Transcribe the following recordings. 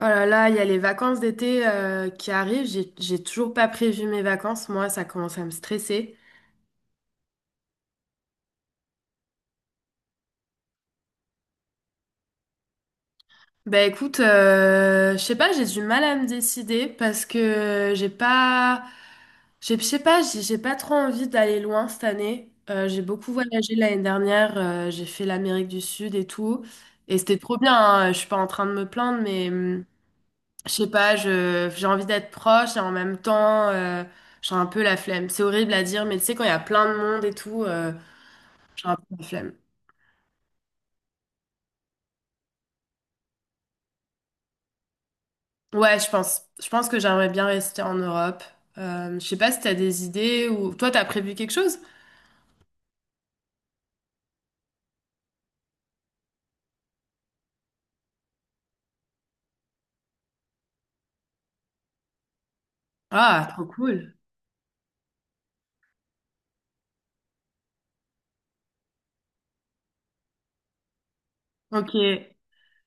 Oh là là, il y a les vacances d'été qui arrivent. J'ai toujours pas prévu mes vacances. Moi, ça commence à me stresser. Bah écoute, je sais pas, j'ai du mal à me décider parce que j'ai pas, je sais pas, j'ai pas trop envie d'aller loin cette année. J'ai beaucoup voyagé l'année dernière. J'ai fait l'Amérique du Sud et tout, et c'était trop bien, hein. Je suis pas en train de me plaindre, mais je sais pas, j'ai envie d'être proche et en même temps, j'ai un peu la flemme. C'est horrible à dire, mais tu sais, quand il y a plein de monde et tout, j'ai un peu la flemme. Ouais, je pense. Je pense que j'aimerais bien rester en Europe. Je sais pas si t'as des idées ou... Toi, t'as prévu quelque chose? Ah, trop cool. Ok.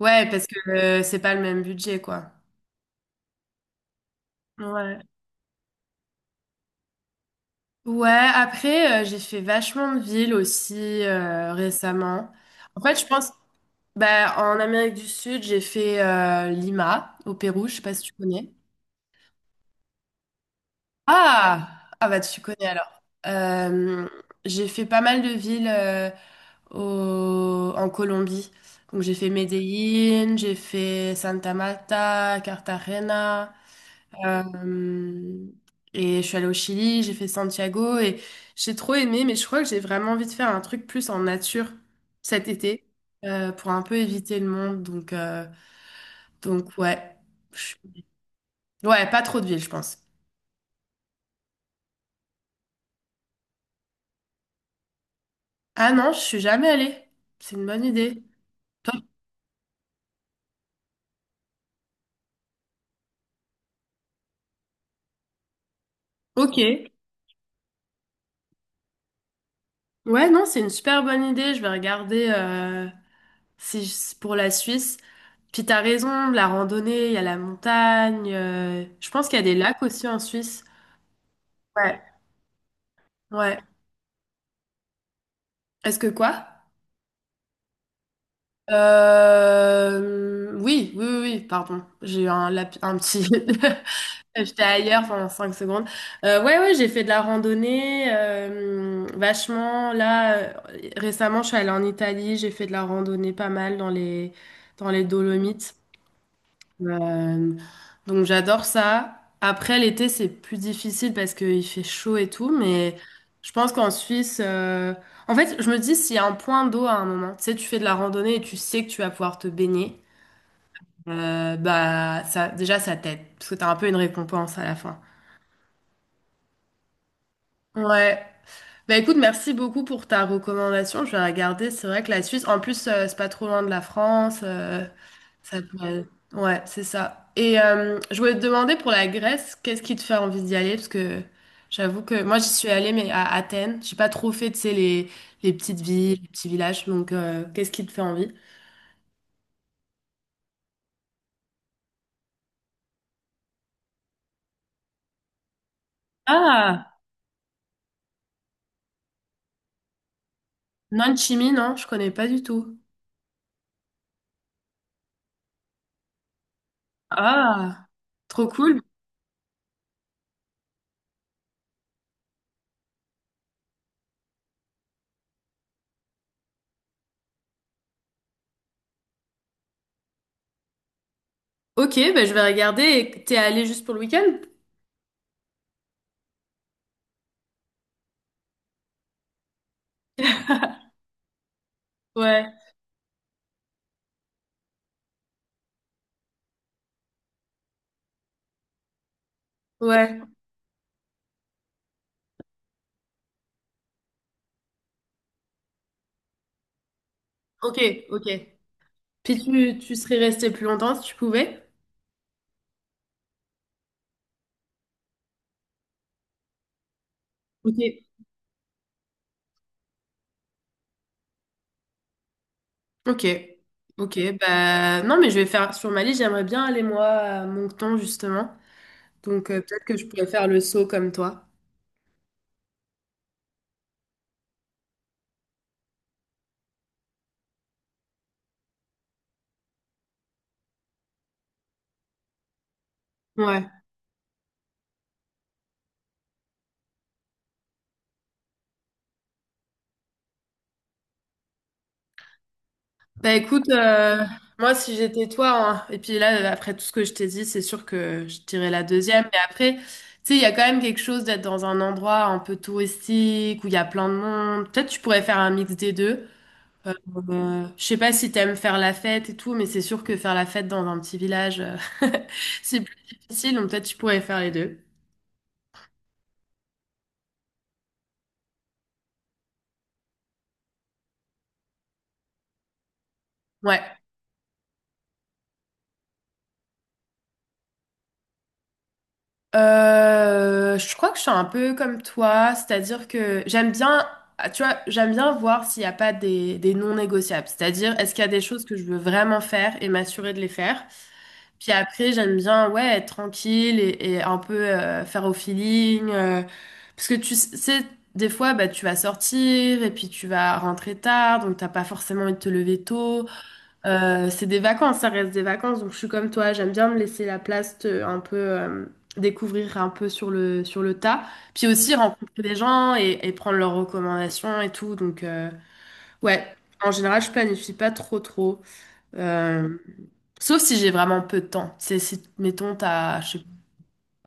Ouais, parce que c'est pas le même budget, quoi. Ouais. Ouais, après, j'ai fait vachement de villes aussi récemment. En fait, je pense. Bah, en Amérique du Sud, j'ai fait Lima, au Pérou, je sais pas si tu connais. Ah! Ah bah tu connais alors. J'ai fait pas mal de villes en Colombie. Donc j'ai fait Medellín, j'ai fait Santa Marta, Cartagena. euh, et je suis allée au Chili, j'ai fait Santiago et j'ai trop aimé, mais je crois que j'ai vraiment envie de faire un truc plus en nature cet été, pour un peu éviter le monde. Donc ouais. Je- Ouais, pas trop de ville, je pense. Ah non, je suis jamais allée. C'est une bonne idée. Toi- Ok. Ouais, non, c'est une super bonne idée. Je vais regarder, si, pour la Suisse. Puis t'as raison, la randonnée, il y a la montagne. Je pense qu'il y a des lacs aussi en Suisse. Ouais, ouais. Est-ce que quoi? Oui, oui, oui, oui, pardon. J'ai eu un, un petit... J'étais ailleurs pendant 5 secondes. Ouais, ouais, j'ai fait de la randonnée vachement. Là, récemment, je suis allée en Italie, j'ai fait de la randonnée pas mal dans les Dolomites. Euh, donc, j'adore ça. Après, l'été, c'est plus difficile parce qu'il fait chaud et tout, mais je pense qu'en Suisse, en fait, je me dis s'il y a un point d'eau à un moment, tu sais, tu fais de la randonnée et tu sais que tu vas pouvoir te baigner, bah, ça, déjà, ça t'aide parce que t'as un peu une récompense à la fin. Ouais. Bah écoute, merci beaucoup pour ta recommandation. Je vais regarder. C'est vrai que la Suisse, en plus, c'est pas trop loin de la France. Ça pourrait- Ouais, c'est ça. Et je voulais te demander pour la Grèce, qu'est-ce qui te fait envie d'y aller? Parce que j'avoue que moi, j'y suis allée, mais à Athènes. J'ai pas trop fait, tu sais, les petites villes, les petits villages. Donc, qu'est-ce qui te fait envie? Ah, Nanchimi, non, je connais pas du tout. Ah, trop cool. Ok, bah, je vais regarder. Et t'es allée juste pour le week-end? Ouais, ouais. Ok, ok. Puis tu serais resté plus longtemps si tu pouvais? Ok. Ok. Ok. Bah non, mais je vais faire sur Mali, j'aimerais bien aller moi à Moncton justement. Donc peut-être que je pourrais faire le saut comme toi. Ouais. Bah écoute, moi si j'étais toi, hein, et puis là, après tout ce que je t'ai dit, c'est sûr que je dirais la deuxième. Mais après, tu sais, il y a quand même quelque chose d'être dans un endroit un peu touristique où il y a plein de monde. Peut-être tu pourrais faire un mix des deux. Euh, je sais pas si t'aimes faire la fête et tout, mais c'est sûr que faire la fête dans un petit village, c'est plus difficile, donc peut-être tu pourrais faire les deux. Ouais. Je crois que je suis un peu comme toi, c'est-à-dire que j'aime bien, ah, tu vois, j'aime bien voir s'il n'y a pas des, des non négociables. C'est-à-dire, est-ce qu'il y a des choses que je veux vraiment faire et m'assurer de les faire, puis après, j'aime bien, ouais, être tranquille et un peu faire au feeling. Parce que tu sais, des fois, bah, tu vas sortir et puis tu vas rentrer tard, donc t'as pas forcément envie de te lever tôt. C'est des vacances, ça reste des vacances, donc je suis comme toi, j'aime bien me laisser la place, un peu découvrir un peu sur le tas. Puis aussi rencontrer des gens et prendre leurs recommandations et tout. Donc, ouais, en général, je planifie pas trop, trop. Euh, sauf si j'ai vraiment peu de temps. C'est si, mettons, t'as, je sais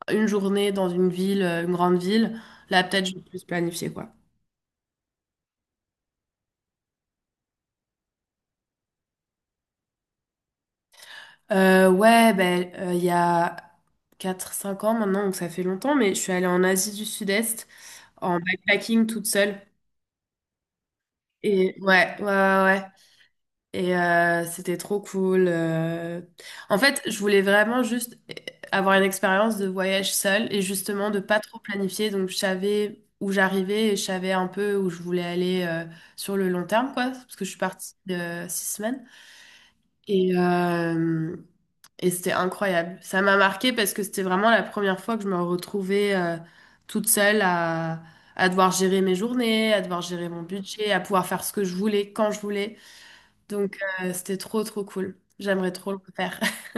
pas, une journée dans une ville, une grande ville, là, peut-être, je vais plus planifier, quoi. Ouais, ben, il y a 4 5 ans maintenant, donc ça fait longtemps, mais je suis allée en Asie du Sud-Est en backpacking toute seule. Et ouais, ouais, ouais, ouais. Et c'était trop cool. En fait, je voulais vraiment juste avoir une expérience de voyage seule et justement de pas trop planifier. Donc, je savais où j'arrivais et je savais un peu où je voulais aller, sur le long terme, quoi, parce que je suis partie de 6 semaines. Et, euh, et c'était incroyable. Ça m'a marqué parce que c'était vraiment la première fois que je me retrouvais toute seule à devoir gérer mes journées, à devoir gérer mon budget, à pouvoir faire ce que je voulais quand je voulais. Donc, c'était trop, trop cool. J'aimerais trop le faire.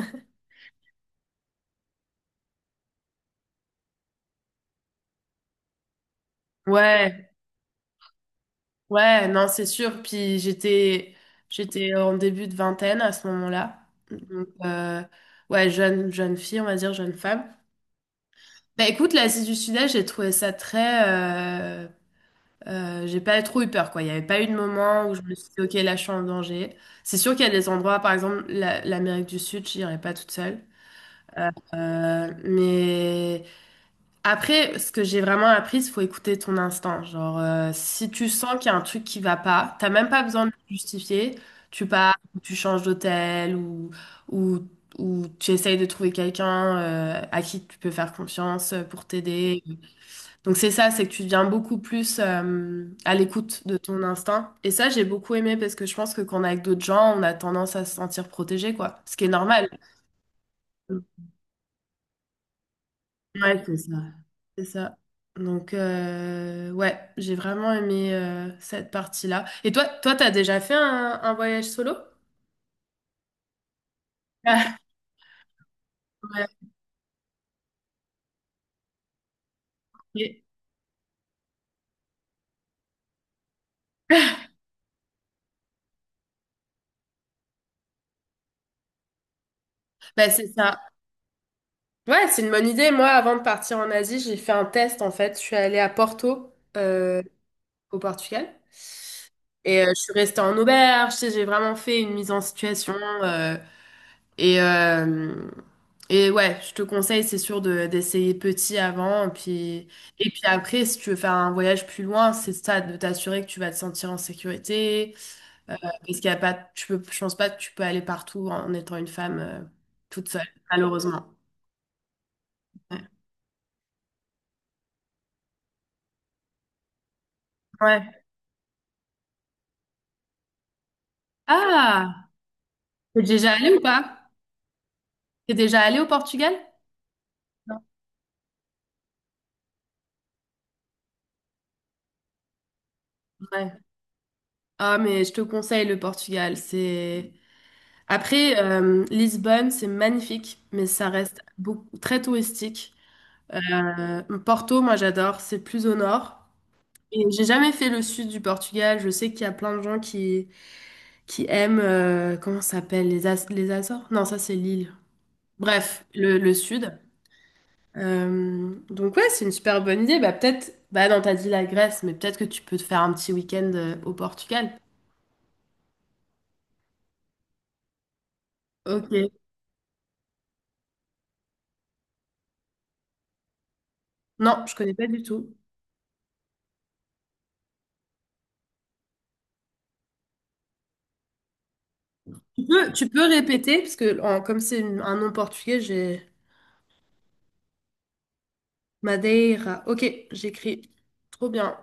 Ouais, ouais, non, c'est sûr. Puis j'étais, j'étais en début de vingtaine à ce moment-là. Donc, ouais, jeune, jeune fille, on va dire, jeune femme. Bah écoute, l'Asie du Sud-Est, j'ai trouvé ça très... j'ai pas trop eu peur, quoi. Il n'y avait pas eu de moment où je me suis dit, OK, là, je suis en danger. C'est sûr qu'il y a des endroits, par exemple, l'Amérique du Sud, j'irais pas toute seule. Mais après, ce que j'ai vraiment appris, c'est faut écouter ton instinct. Genre, si tu sens qu'il y a un truc qui va pas, t'as même pas besoin de le justifier. Tu pars, ou tu changes d'hôtel ou, ou tu essayes de trouver quelqu'un à qui tu peux faire confiance pour t'aider. Donc c'est ça, c'est que tu deviens beaucoup plus à l'écoute de ton instinct. Et ça, j'ai beaucoup aimé parce que je pense que quand on est avec d'autres gens, on a tendance à se sentir protégé, quoi. Ce qui est normal. Ouais, c'est ça. C'est ça. Donc, ouais, j'ai vraiment aimé cette partie-là. Et toi, toi, t'as déjà fait un voyage solo? Ah, ouais, ok. Bah, c'est ça. Ouais, c'est une bonne idée. Moi, avant de partir en Asie, j'ai fait un test, en fait. Je suis allée à Porto, euh, au Portugal. Et je suis restée en auberge. Tu sais, j'ai vraiment fait une mise en situation. euh, Et, euh, et ouais, je te conseille, c'est sûr, de, d'essayer petit avant. Puis, et puis après, si tu veux faire un voyage plus loin, c'est ça, de t'assurer que tu vas te sentir en sécurité. Parce qu'il y a pas, tu peux, je pense pas que tu peux aller partout en étant une femme toute seule, malheureusement. Ouais. Ouais. Ah, t'es déjà allée ou pas? T'es déjà allée au Portugal? Non. Ouais. Ah, mais je te conseille le Portugal. C'est... après, Lisbonne, c'est magnifique, mais ça reste beaucoup, très touristique. Porto, moi j'adore, c'est plus au nord. Et j'ai jamais fait le sud du Portugal. Je sais qu'il y a plein de gens qui aiment, comment ça s'appelle, les, les Açores? Non, ça c'est l'île. Bref, le sud. Donc ouais, c'est une super bonne idée. Bah peut-être, bah non, t'as dit la Grèce, mais peut-être que tu peux te faire un petit week-end au Portugal. Ok. Non, je connais pas du tout. Tu peux répéter, parce que comme c'est un nom portugais, j'ai Madeira. Ok, j'écris. Trop bien.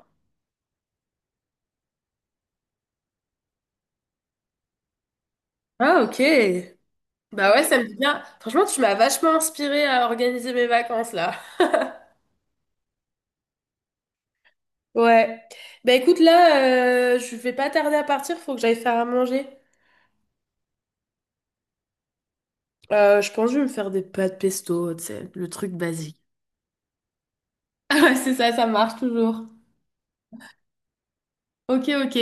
Ah, ok. Bah ouais, ça me dit bien. Franchement, tu m'as vachement inspirée à organiser mes vacances là. Ouais. Bah écoute, là, je vais pas tarder à partir, faut que j'aille faire à manger. Je pense que je vais me faire des pâtes pesto, tu sais, le truc basique. Ah ouais, c'est ça, ça marche toujours. Ok, ok.